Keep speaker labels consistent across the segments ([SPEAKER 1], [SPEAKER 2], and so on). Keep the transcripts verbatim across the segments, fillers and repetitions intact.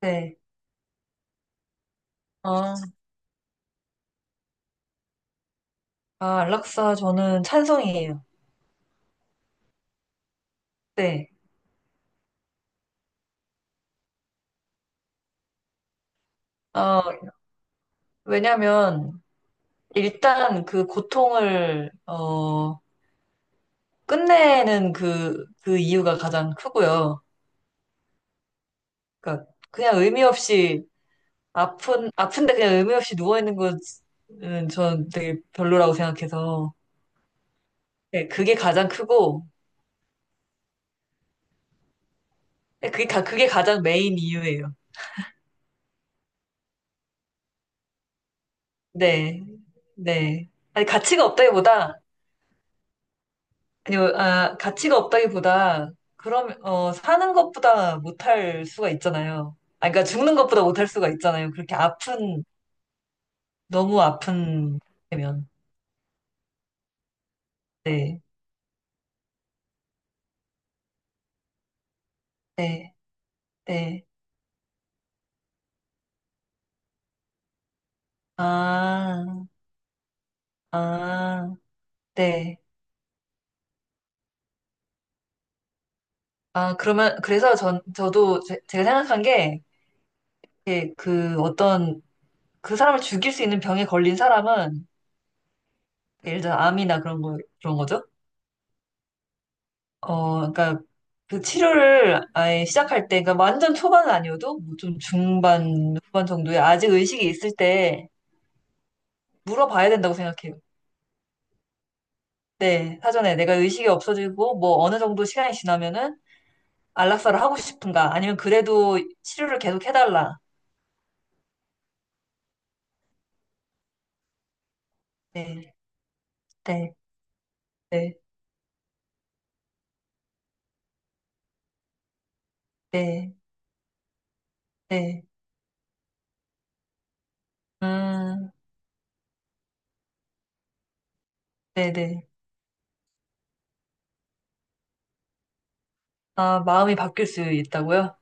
[SPEAKER 1] 네. 아, 아, 락사 저는 찬성이에요. 네. 어, 왜냐면, 일단 그 고통을, 어, 끝내는 그, 그 이유가 가장 크고요. 그러니까, 그냥 의미 없이, 아픈, 아픈데 그냥 의미 없이 누워있는 것은 전 되게 별로라고 생각해서, 네, 그게 가장 크고, 네, 그게 가, 그게 가장 메인 이유예요. 네. 네. 아니, 가치가 없다기보다, 아니, 뭐, 아, 가치가 없다기보다, 그럼, 어, 사는 것보다 못할 수가 있잖아요. 아, 그러니까 죽는 것보다 못할 수가 있잖아요. 그렇게 아픈, 너무 아픈, 면. 네, 네, 네. 아, 아, 네. 아, 그러면, 그래서 전, 저도, 제, 가 생각한 게, 이렇게 그 어떤, 그 사람을 죽일 수 있는 병에 걸린 사람은, 예를 들어 암이나 그런 거, 그런 거죠. 어, 그러니까 그 치료를 아예 시작할 때, 그러니까 완전 초반은 아니어도 뭐 좀 중반, 후반 정도에 아직 의식이 있을 때 물어봐야 된다고 생각해요. 네, 사전에 내가 의식이 없어지고 뭐 어느 정도 시간이 지나면은 안락사를 하고 싶은가, 아니면 그래도 치료를 계속 해달라. 네, 네, 네, 네, 네. 음, 네, 네. 아, 마음이 바뀔 수 있다고요?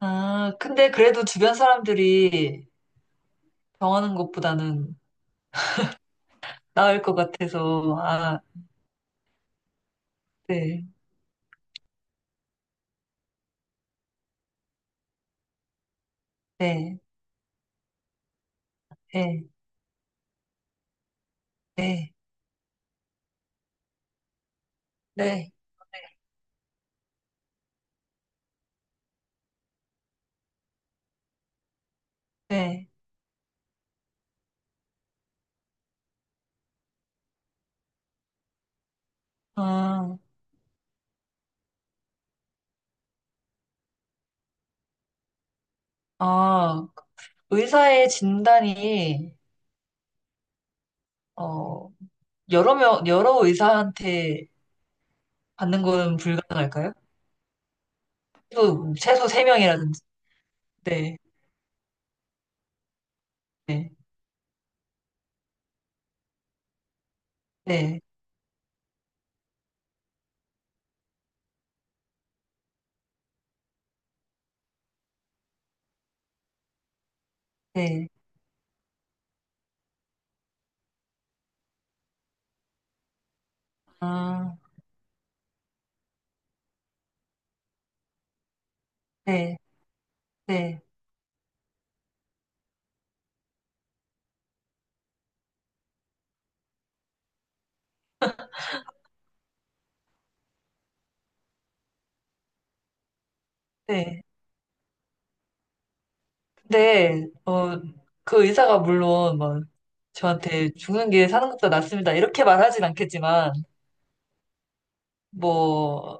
[SPEAKER 1] 아, 근데 그래도 주변 사람들이 병하는 것보다는 나을 것 같아서, 아, 네, 네, 네, 네, 네, 네. 아, 아, 의사의 진단이, 어, 여러 명, 여러 의사한테 받는 건 불가능할까요? 최소, 최소 세 명이라든지. 네, 네, 네, 네. 아, 네, 네, 네. 근데, 어, 그 의사가 물론, 뭐, 저한테 죽는 게 사는 것보다 낫습니다. 이렇게 말하진 않겠지만, 뭐,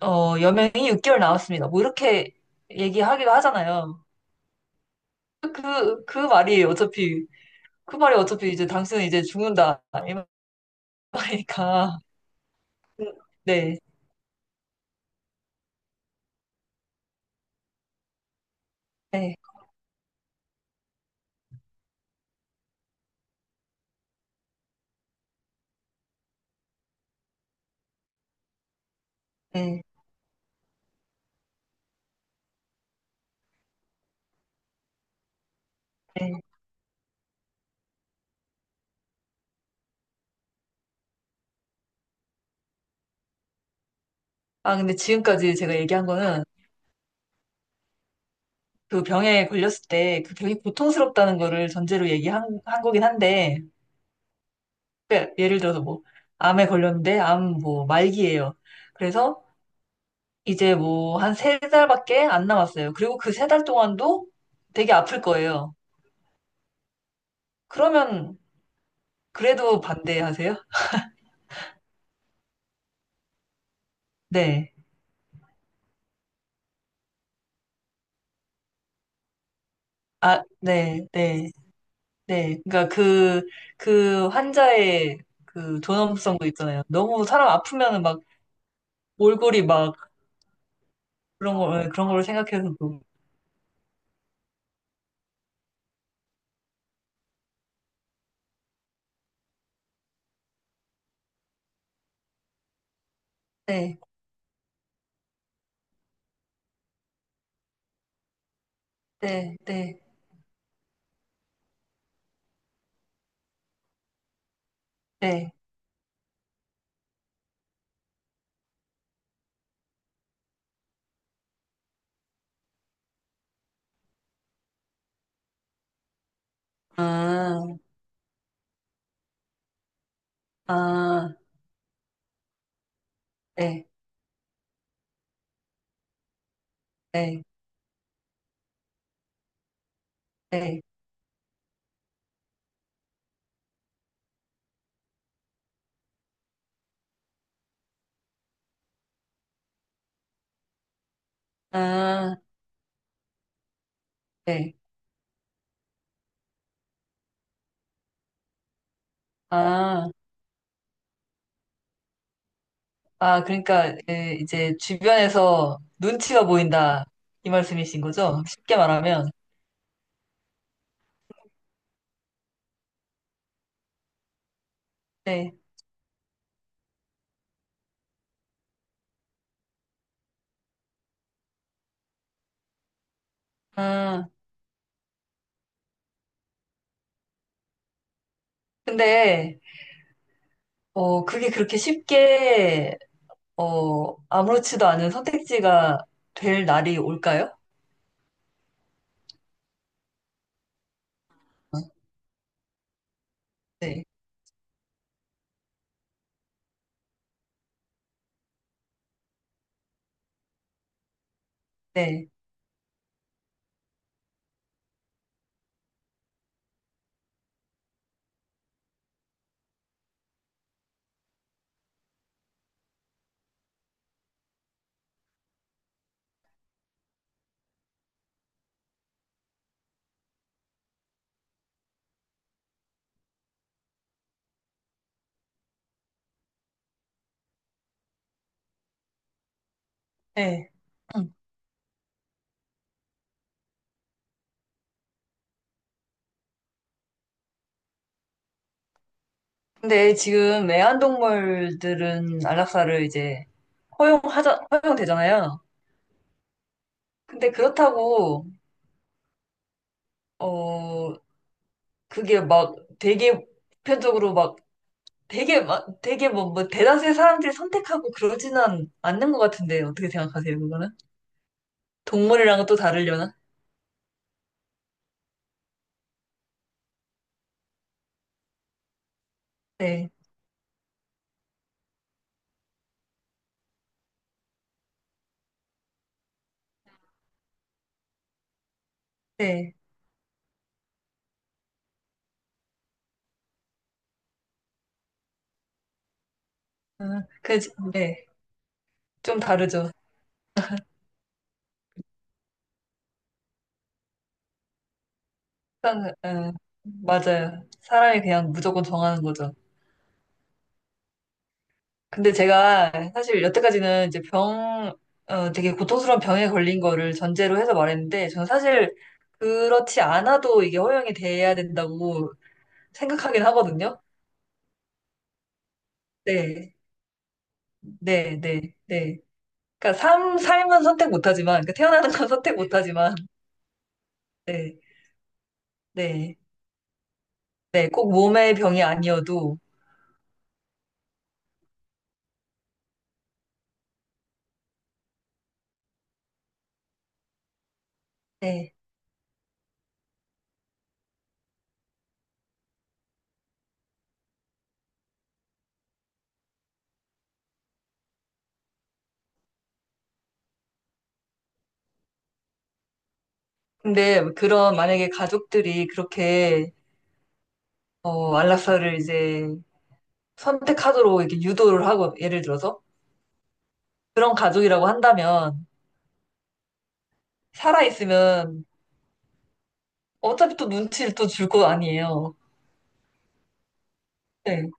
[SPEAKER 1] 어, 여명이 육 개월 나왔습니다. 뭐 이렇게 얘기하기도 하잖아요. 그, 그 말이 어차피, 그 말이 어차피 이제 당신은 이제 죽는다. 이 말이니까. 네, 네, 네, 네. 아, 근데 지금까지 제가 얘기한 거는 그 병에 걸렸을 때 그 병이 고통스럽다는 거를 전제로 얘기한 한 거긴 한데, 그러니까 예를 들어서 뭐, 암에 걸렸는데, 암 뭐, 말기예요. 그래서 이제 뭐 한 세 달밖에 안 남았어요. 그리고 그 세 달 동안도 되게 아플 거예요. 그러면 그래도 반대하세요? 네. 아, 네, 네, 네. 그러니까 그, 그 환자의 그 존엄성도 있잖아요. 너무 사람 아프면은 막 몰골이 막 그런 걸, 그런 걸 생각해서. 도 네, 네, 네, 네. 아, 아, 네, 네, 네. 아, 네. 아. 아, 그러니까 에, 이제 주변에서 눈치가 보인다 이 말씀이신 거죠? 쉽게 말하면. 네. 아, 근데 어 그게 그렇게 쉽게 어 아무렇지도 않은 선택지가 될 날이 올까요? 네. 네. 네. 음. 근데 지금 애완동물들은 안락사를 이제 허용하자, 허용되잖아요. 근데 그렇다고, 어, 그게 막 되게 보편적으로 되게 막 되게 뭐 뭐 대다수의 사람들이 선택하고 그러지는 않는 것 같은데 어떻게 생각하세요 그거는? 동물이랑은 또 다르려나? 네, 네, 어, 그, 네, 좀 다르죠. 일단, 어, 맞아요. 사람이 그냥 무조건 정하는 거죠. 근데 제가 사실 여태까지는 이제 병, 어, 되게 고통스러운 병에 걸린 거를 전제로 해서 말했는데 저는 사실 그렇지 않아도 이게 허용이 돼야 된다고 생각하긴 하거든요. 네, 네, 네, 네. 그러니까 삶, 삶은 선택 못하지만, 그러니까 태어나는 건 선택 못하지만, 네, 네, 네, 꼭 몸의 병이 아니어도, 네. 근데 그런 만약에 가족들이 그렇게 어, 안락사를 이제 선택하도록 이렇게 유도를 하고, 예를 들어서 그런 가족이라고 한다면 살아 있으면 어차피 또 눈치를 또 줄 거 아니에요. 네.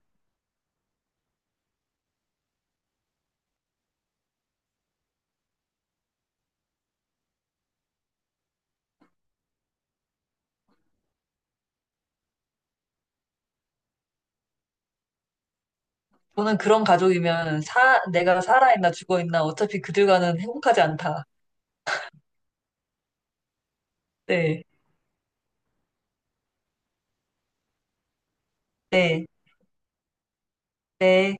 [SPEAKER 1] 저는 그런 가족이면 사, 내가 살아있나 죽어있나 어차피 그들과는 행복하지 않다. 네, 네, 네.